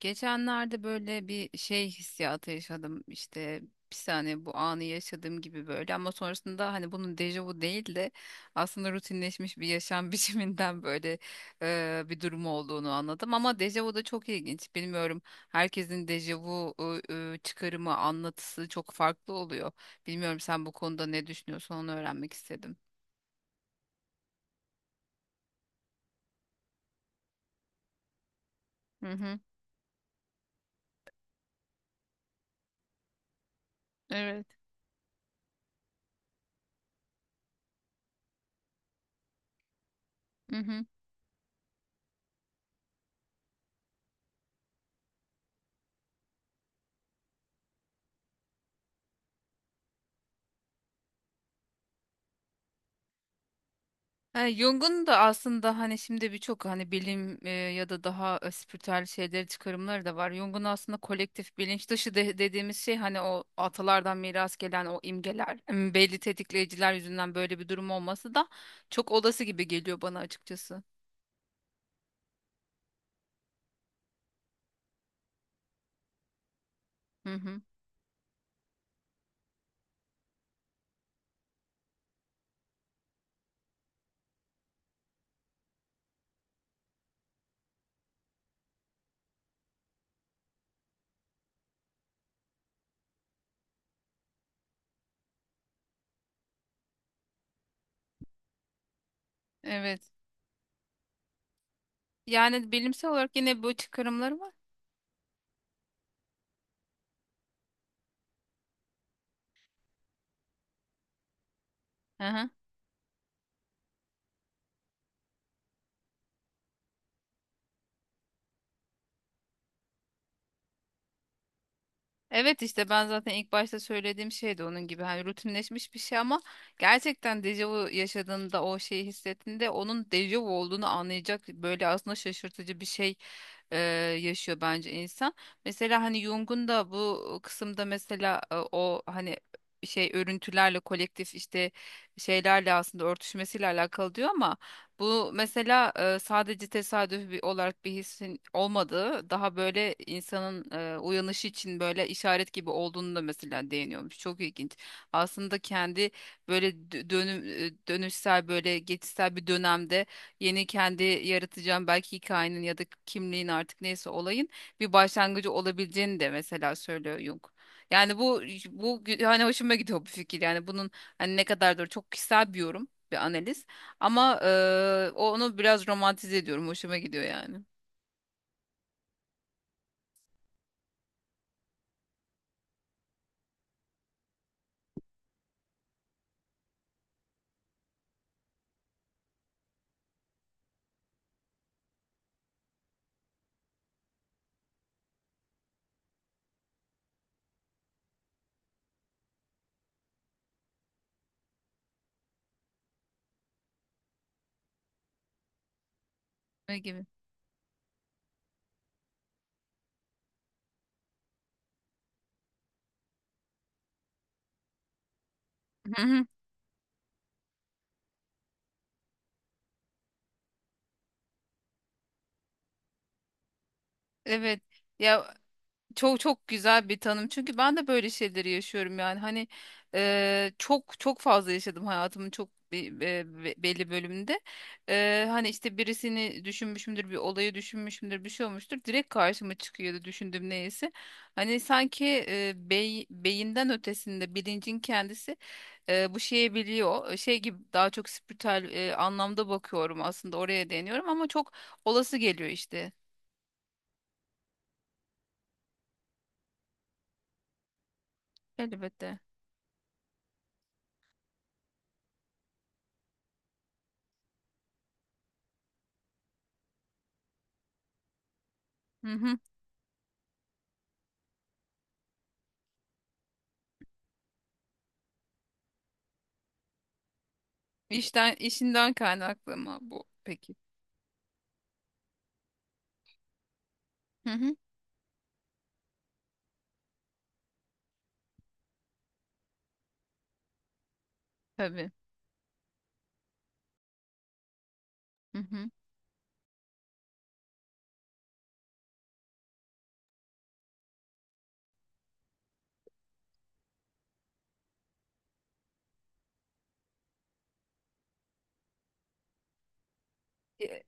Geçenlerde böyle bir şey hissiyatı yaşadım işte, bir saniye, bu anı yaşadığım gibi böyle, ama sonrasında hani bunun dejavu değil de aslında rutinleşmiş bir yaşam biçiminden böyle bir durum olduğunu anladım, ama dejavu da çok ilginç. Bilmiyorum, herkesin dejavu çıkarımı, anlatısı çok farklı oluyor. Bilmiyorum, sen bu konuda ne düşünüyorsun, onu öğrenmek istedim. Hı hı. Evet. Hı hı. Yani Jung'un da aslında, hani şimdi birçok hani bilim ya da daha spiritüel şeyleri, çıkarımları da var. Jung'un aslında kolektif bilinç dışı dediğimiz şey, hani o atalardan miras gelen o imgeler, belli tetikleyiciler yüzünden böyle bir durum olması da çok olası gibi geliyor bana açıkçası. Hı hı. Evet. Yani bilimsel olarak yine bu çıkarımları var. Hı hı. Evet, işte ben zaten ilk başta söylediğim şey de onun gibi, hani rutinleşmiş bir şey, ama gerçekten dejavu yaşadığında, o şeyi hissettiğinde, onun dejavu olduğunu anlayacak böyle, aslında şaşırtıcı bir şey e, yaşıyor bence insan. Mesela hani Jung'un da bu kısımda mesela o hani şey örüntülerle, kolektif işte şeylerle aslında örtüşmesiyle alakalı diyor, ama bu mesela sadece tesadüf olarak bir hissin olmadığı, daha böyle insanın uyanışı için böyle işaret gibi olduğunu da mesela değiniyormuş. Çok ilginç. Aslında kendi böyle dönüşsel, böyle geçişsel bir dönemde yeni kendi yaratacağım belki hikayenin ya da kimliğin, artık neyse olayın bir başlangıcı olabileceğini de mesela söylüyor Jung. Yani bu hani hoşuma gidiyor bu fikir. Yani bunun hani ne kadardır çok kişisel bir yorum, bir analiz. Ama onu biraz romantize ediyorum. Hoşuma gidiyor yani. Ne gibi? Hı hı. Evet. Ya, çok çok güzel bir tanım. Çünkü ben de böyle şeyleri yaşıyorum yani. Hani çok çok fazla yaşadım hayatımın çok belli bölümünde. Hani işte birisini düşünmüşümdür, bir olayı düşünmüşümdür, bir şey olmuştur. Direkt karşıma çıkıyordu düşündüğüm neyse. Hani sanki beyinden ötesinde bilincin kendisi bu şeyi biliyor. Şey gibi, daha çok spiritüel anlamda bakıyorum, aslında oraya değiniyorum, ama çok olası geliyor işte. Elbette. Hı hı. İşinden kaynaklı mı bu peki? Hı hı. Tabii. Hı hı. E,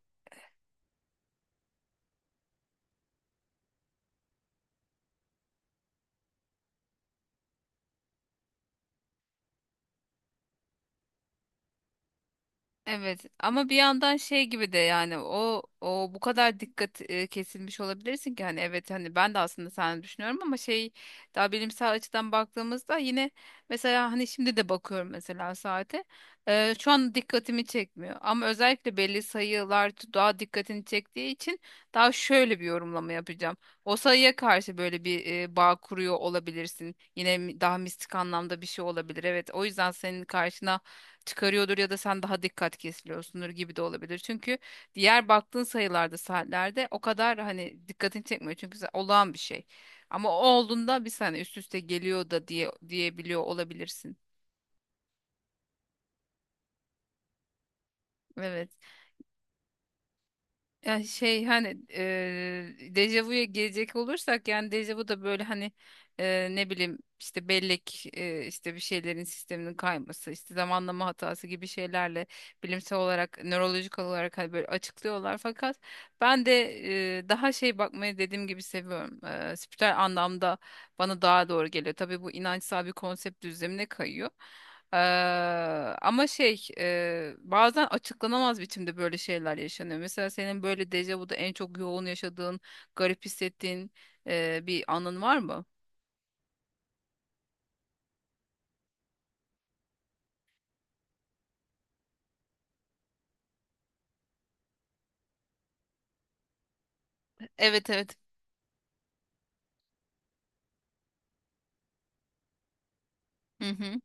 Evet, ama bir yandan şey gibi de yani o bu kadar dikkat kesilmiş olabilirsin, ki hani evet, hani ben de aslında sen düşünüyorum, ama şey, daha bilimsel açıdan baktığımızda yine, mesela hani şimdi de bakıyorum mesela saate, şu an dikkatimi çekmiyor, ama özellikle belli sayılar daha dikkatini çektiği için daha şöyle bir yorumlama yapacağım. O sayıya karşı böyle bir bağ kuruyor olabilirsin. Yine daha mistik anlamda bir şey olabilir. Evet, o yüzden senin karşına çıkarıyordur ya da sen daha dikkat kesiliyorsundur gibi de olabilir. Çünkü diğer baktığın sayılarda, saatlerde o kadar hani dikkatini çekmiyor. Çünkü olağan bir şey. Ama o olduğunda, bir saniye üst üste geliyor da diye diyebiliyor olabilirsin. Evet. Ya şey, hani dejavuya gelecek olursak, yani dejavu da böyle hani ne bileyim işte bellek, işte bir şeylerin sisteminin kayması, işte zamanlama hatası gibi şeylerle bilimsel olarak, nörolojik olarak hani böyle açıklıyorlar, fakat ben de daha şey bakmayı dediğim gibi seviyorum. Spiritüel anlamda bana daha doğru geliyor. Tabii bu inançsal bir konsept düzlemine kayıyor. Ee, ama şey, bazen açıklanamaz biçimde böyle şeyler yaşanıyor. Mesela senin böyle dejavuda en çok yoğun yaşadığın, garip hissettiğin bir anın var mı? Evet, evet. Hı hı.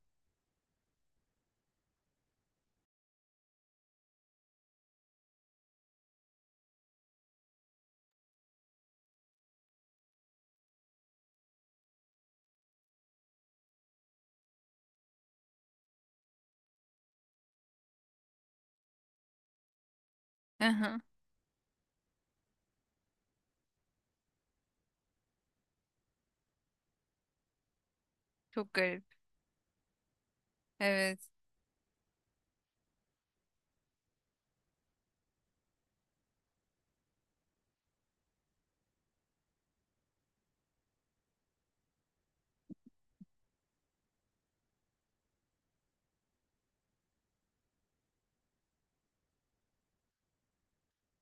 Aha, çok garip. Evet.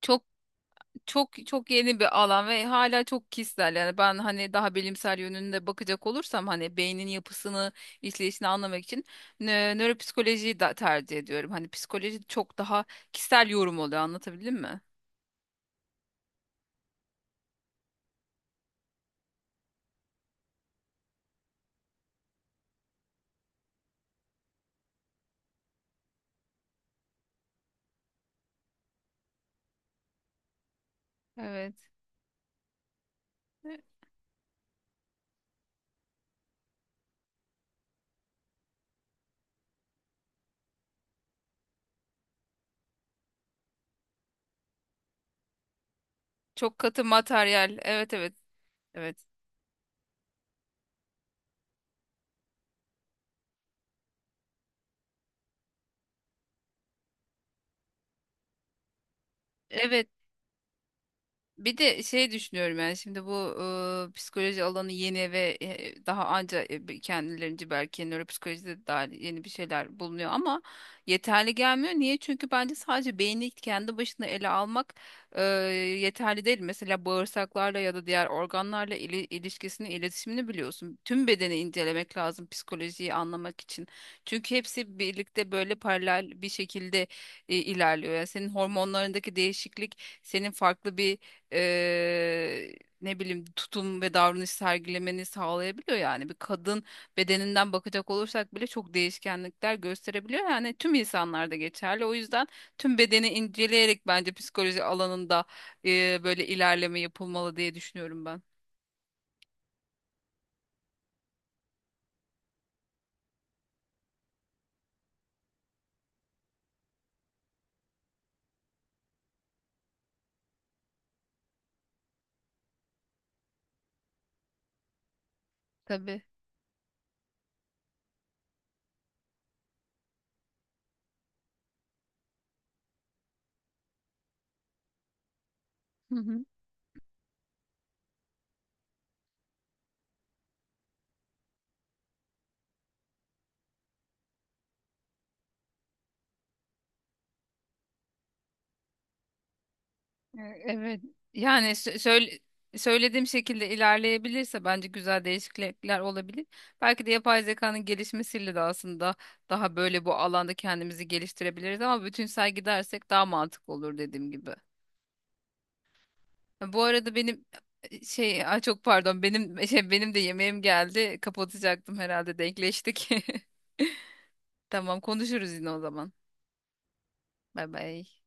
Çok çok çok yeni bir alan ve hala çok kişisel. Yani ben hani daha bilimsel yönünde bakacak olursam, hani beynin yapısını, işleyişini anlamak için nöropsikolojiyi da tercih ediyorum. Hani psikoloji çok daha kişisel yorum oluyor. Anlatabildim mi? Evet. Çok katı materyal. Evet, evet. Evet. Evet. Bir de şey düşünüyorum yani, şimdi bu psikoloji alanı yeni ve daha anca kendilerince belki nöropsikolojide de dahil yeni bir şeyler bulunuyor, ama yeterli gelmiyor. Niye? Çünkü bence sadece beyni kendi başına ele almak yeterli değil. Mesela bağırsaklarla ya da diğer organlarla ilişkisini, iletişimini biliyorsun. Tüm bedeni incelemek lazım psikolojiyi anlamak için. Çünkü hepsi birlikte böyle paralel bir şekilde ilerliyor. Yani senin hormonlarındaki değişiklik senin farklı bir ne bileyim tutum ve davranış sergilemeni sağlayabiliyor yani. Bir kadın bedeninden bakacak olursak bile çok değişkenlikler gösterebiliyor. Yani tüm insanlarda geçerli. O yüzden tüm bedeni inceleyerek bence psikoloji alanında böyle ilerleme yapılmalı diye düşünüyorum ben. Tabii. Hı hı. Evet. Yani söylediğim şekilde ilerleyebilirse bence güzel değişiklikler olabilir. Belki de yapay zekanın gelişmesiyle de aslında daha böyle bu alanda kendimizi geliştirebiliriz, ama bütünsel gidersek daha mantıklı olur dediğim gibi. Bu arada benim şey, ay çok pardon, benim şey, benim de yemeğim geldi. Kapatacaktım, herhalde denkleştik. Tamam, konuşuruz yine o zaman. Bay bay.